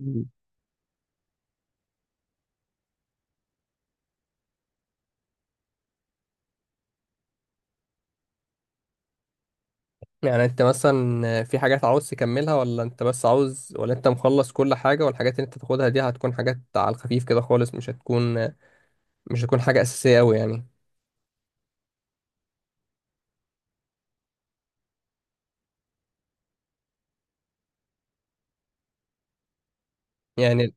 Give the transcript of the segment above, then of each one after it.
مم. يعني انت مثلا في حاجات عاوز تكملها ولا انت بس عاوز، ولا انت مخلص كل حاجة؟ والحاجات اللي انت تاخدها دي هتكون حاجات على الخفيف كده خالص، مش هتكون حاجة أساسية أوي يعني. يعني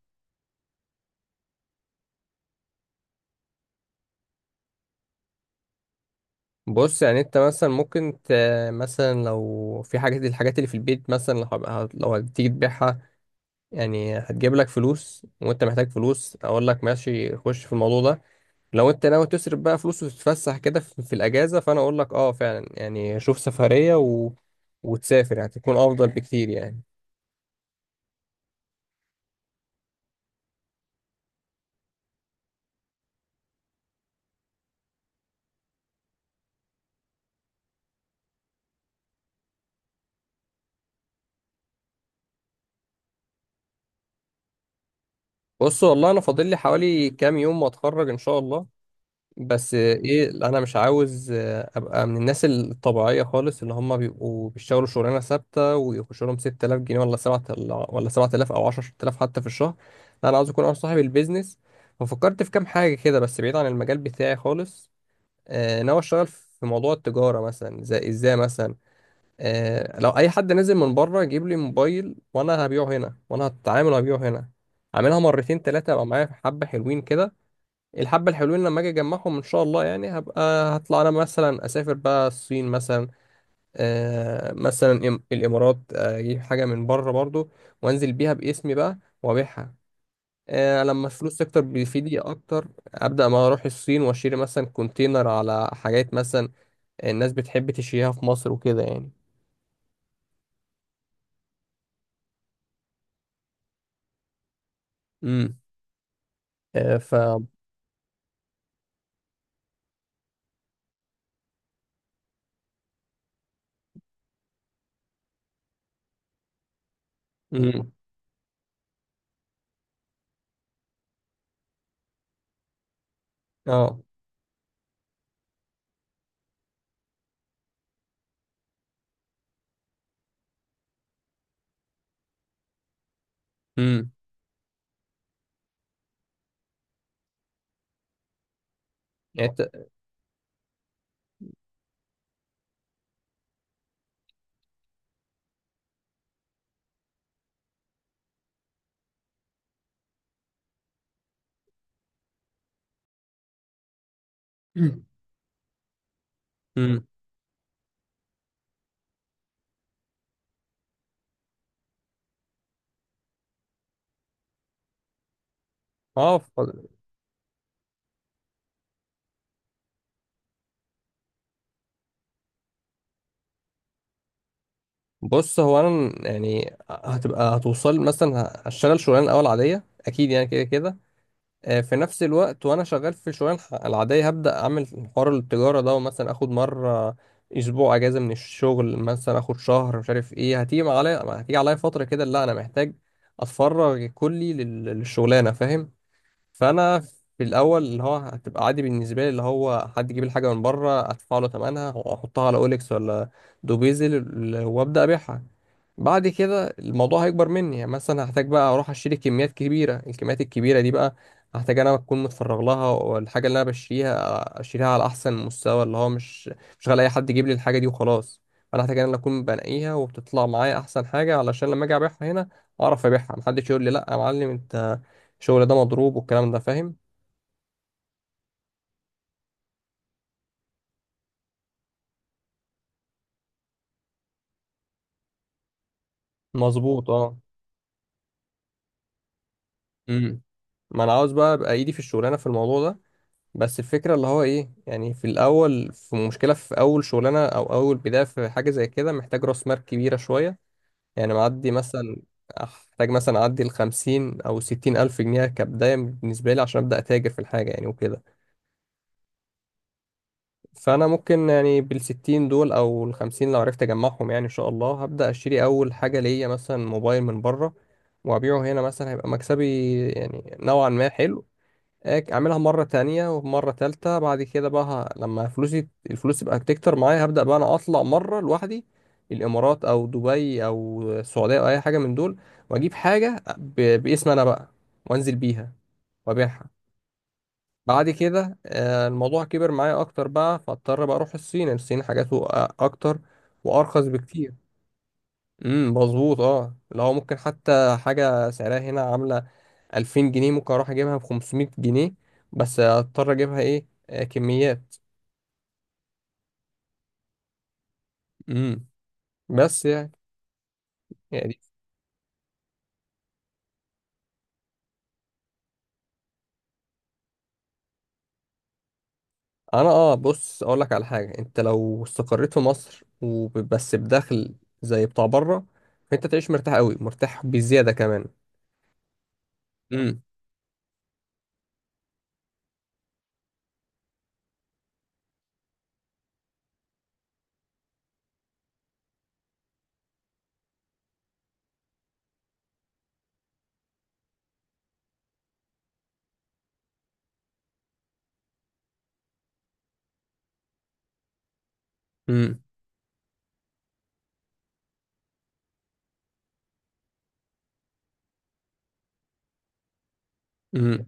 بص، يعني انت مثلا مثلا لو في الحاجات اللي في البيت، مثلا لو هتيجي تبيعها، يعني هتجيب لك فلوس، وانت محتاج فلوس، اقول لك ماشي خش في الموضوع ده. لو انت ناوي تصرف بقى فلوس وتتفسح كده في الاجازه، فانا اقول لك اه فعلا، يعني شوف سفريه وتسافر، يعني تكون افضل بكتير يعني. بص والله انا فاضل لي حوالي كام يوم واتخرج ان شاء الله. بس ايه، انا مش عاوز ابقى من الناس الطبيعيه خالص اللي هم بيبقوا بيشتغلوا شغلانه ثابته ويخش لهم 6000 جنيه ولا 7، ولا 7000 او 10,000 حتى في الشهر. لا، انا عاوز اكون انا صاحب البيزنس. وفكرت في كام حاجه كده، بس بعيد عن المجال بتاعي خالص. ناوي اشتغل في موضوع التجاره مثلا، زي ازاي مثلا. لو اي حد نازل من بره يجيب لي موبايل، وانا هبيعه هنا، وانا هتعامل وهبيعه هنا. اعملها مرتين ثلاثه ابقى معايا حبه حلوين كده. الحبه الحلوين لما اجي اجمعهم ان شاء الله، يعني هبقى هطلع انا مثلا اسافر بقى الصين مثلا. مثلا الامارات، اجيب حاجه من بره برضو، وانزل بيها باسمي بقى وابيعها. لما الفلوس تكتر بيفيدني اكتر. ابدا ما اروح الصين واشتري مثلا كونتينر على حاجات مثلا الناس بتحب تشيها في مصر وكده يعني. امم. آه، ف امم. اه. امم. يعني انت. امم. اه ف- بص، هو انا يعني هتبقى هتوصل، مثلا هشتغل شغلانه الاول عاديه اكيد يعني كده كده. في نفس الوقت وانا شغال في العاديه، هبدا اعمل حوار التجاره ده، ومثلا اخد مره اسبوع اجازه من الشغل، مثلا اخد شهر، مش عارف ايه. هتيجي عليا فتره كده لا انا محتاج اتفرغ كلي للشغلانه فاهم. فانا في الاول اللي هو هتبقى عادي بالنسبه لي، اللي هو حد يجيب الحاجه من بره ادفع له ثمنها واحطها على اوليكس ولا دوبيزل، وابدا ابيعها. بعد كده الموضوع هيكبر مني، يعني مثلا هحتاج بقى اروح اشتري كميات كبيره. الكميات الكبيره دي بقى هحتاج انا اكون متفرغ لها، والحاجه اللي انا بشتريها اشتريها على احسن مستوى، اللي هو مش غالي اي حد يجيب لي الحاجه دي وخلاص. فانا هحتاج انا اللي اكون بنقيها وبتطلع معايا احسن حاجه، علشان لما اجي ابيعها هنا اعرف ابيعها، محدش يقول لي لا يا معلم، انت الشغل ده مضروب والكلام ده فاهم. مظبوط اه. امم. ما انا عاوز بقى ابقى ايدي في الشغلانه في الموضوع ده. بس الفكره اللي هو ايه، يعني في الاول في مشكله في اول شغلانه او اول بدايه في حاجه زي كده، محتاج راس مال كبيره شويه. يعني معدي مثلا، احتاج مثلا اعدي ال 50 او 60 الف جنيه كبدايه بالنسبه لي عشان ابدا اتاجر في الحاجه يعني وكده. فانا ممكن يعني بالستين دول او الخمسين لو عرفت اجمعهم، يعني ان شاء الله هبدا اشتري اول حاجه ليا مثلا موبايل من بره وابيعه هنا، مثلا هيبقى مكسبي يعني نوعا ما حلو. اعملها مره تانية ومره تالتة. بعد كده بقى لما الفلوس تبقى بتكتر معايا، هبدا بقى انا اطلع مره لوحدي الامارات او دبي او السعوديه او اي حاجه من دول، واجيب حاجه باسم انا بقى، وانزل بيها وابيعها. بعد كده الموضوع كبر معايا اكتر، بقى فاضطر بقى اروح الصين. الصين حاجاته اكتر وارخص بكتير. مظبوط اه. لو ممكن حتى حاجه سعرها هنا عامله 2000 جنيه، ممكن اروح اجيبها ب 500 جنيه. بس اضطر اجيبها ايه، كميات. امم. بس يعني. يعني انا اه. بص اقول لك على حاجه، انت لو استقريت في مصر وبس بدخل زي بتاع بره، فانت تعيش مرتاح قوي، مرتاح بزياده كمان. امم. امم. امم.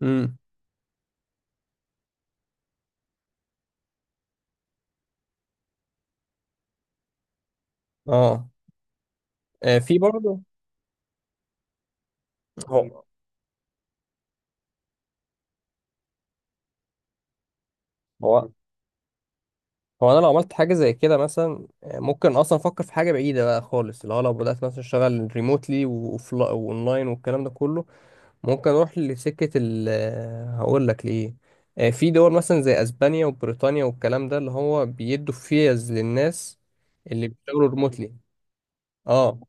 امم اه. في برضه. هو هو هو انا لو عملت حاجه زي كده مثلا، ممكن اصلا افكر في حاجه بعيده بقى خالص، اللي هو لو بدات مثلا اشتغل ريموتلي واونلاين والكلام ده كله، ممكن اروح لسكه ال هقول لك ليه. في دول مثلا زي اسبانيا وبريطانيا والكلام ده، اللي هو بيدوا فيز للناس اللي بيشتغلوا ريموتلي اه.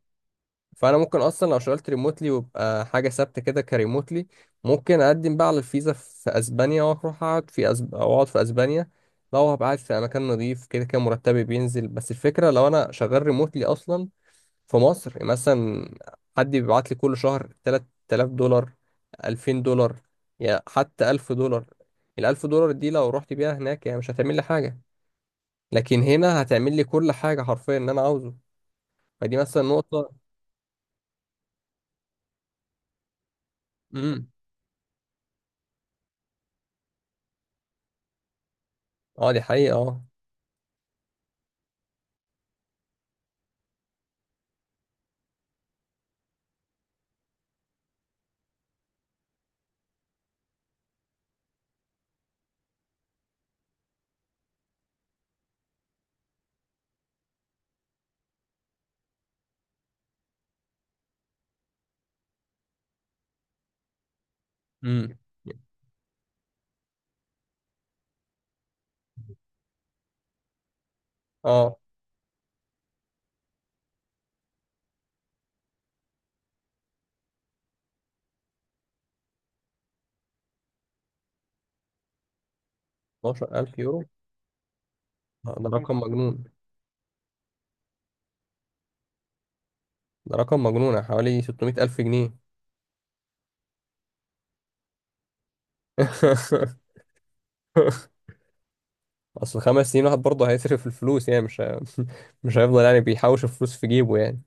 فانا ممكن اصلا لو شغلت ريموتلي ويبقى حاجه ثابته كده كريموتلي، ممكن اقدم بقى على الفيزا في اسبانيا، واروح اقعد في أو اقعد في اسبانيا. لو هبقى قاعد في مكان نظيف، كده كده مرتبي بينزل، بس الفكره لو انا شغال ريموتلي اصلا في مصر مثلا. حد بيبعت لي كل شهر 3000 دولار، 2000 دولار، يا حتى 1000 دولار. ال 1000 دولار دي لو رحت بيها هناك يعني مش هتعمل لي حاجه، لكن هنا هتعمل لي كل حاجه حرفيا اللي انا عاوزه. فدي مثلا نقطه. امم اه دي حقيقه اه. امم اه. 12,000 يورو. ده رقم مجنون. ده رقم مجنون يعني حوالي 600,000 جنيه. اصل خمس سنين واحد برضه هيصرف الفلوس يعني مش ه- مش هيفضل يعني بيحوش الفلوس في جيبه يعني.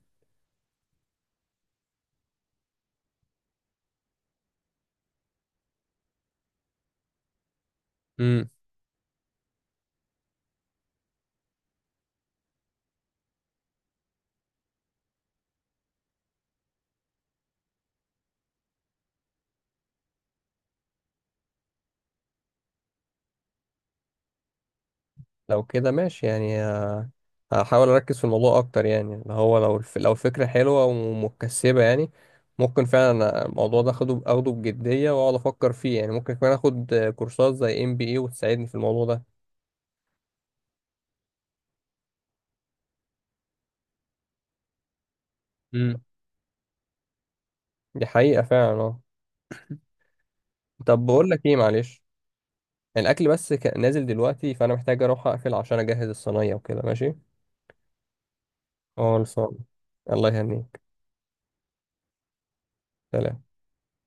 امم. لو كده ماشي يعني، هحاول اركز في الموضوع اكتر يعني اللي هو لو لو الفكره حلوه ومكسبه يعني، ممكن فعلا الموضوع ده اخده اخده بجديه واقعد افكر فيه يعني. ممكن كمان اخد كورسات زي MBA وتساعدني في الموضوع ده. امم دي حقيقه فعلا اه. طب بقول لك ايه معلش، الاكل بس نازل دلوقتي، فانا محتاج اروح اقفل عشان اجهز الصينيه وكده ماشي. خلصان. الله يهنيك. سلام.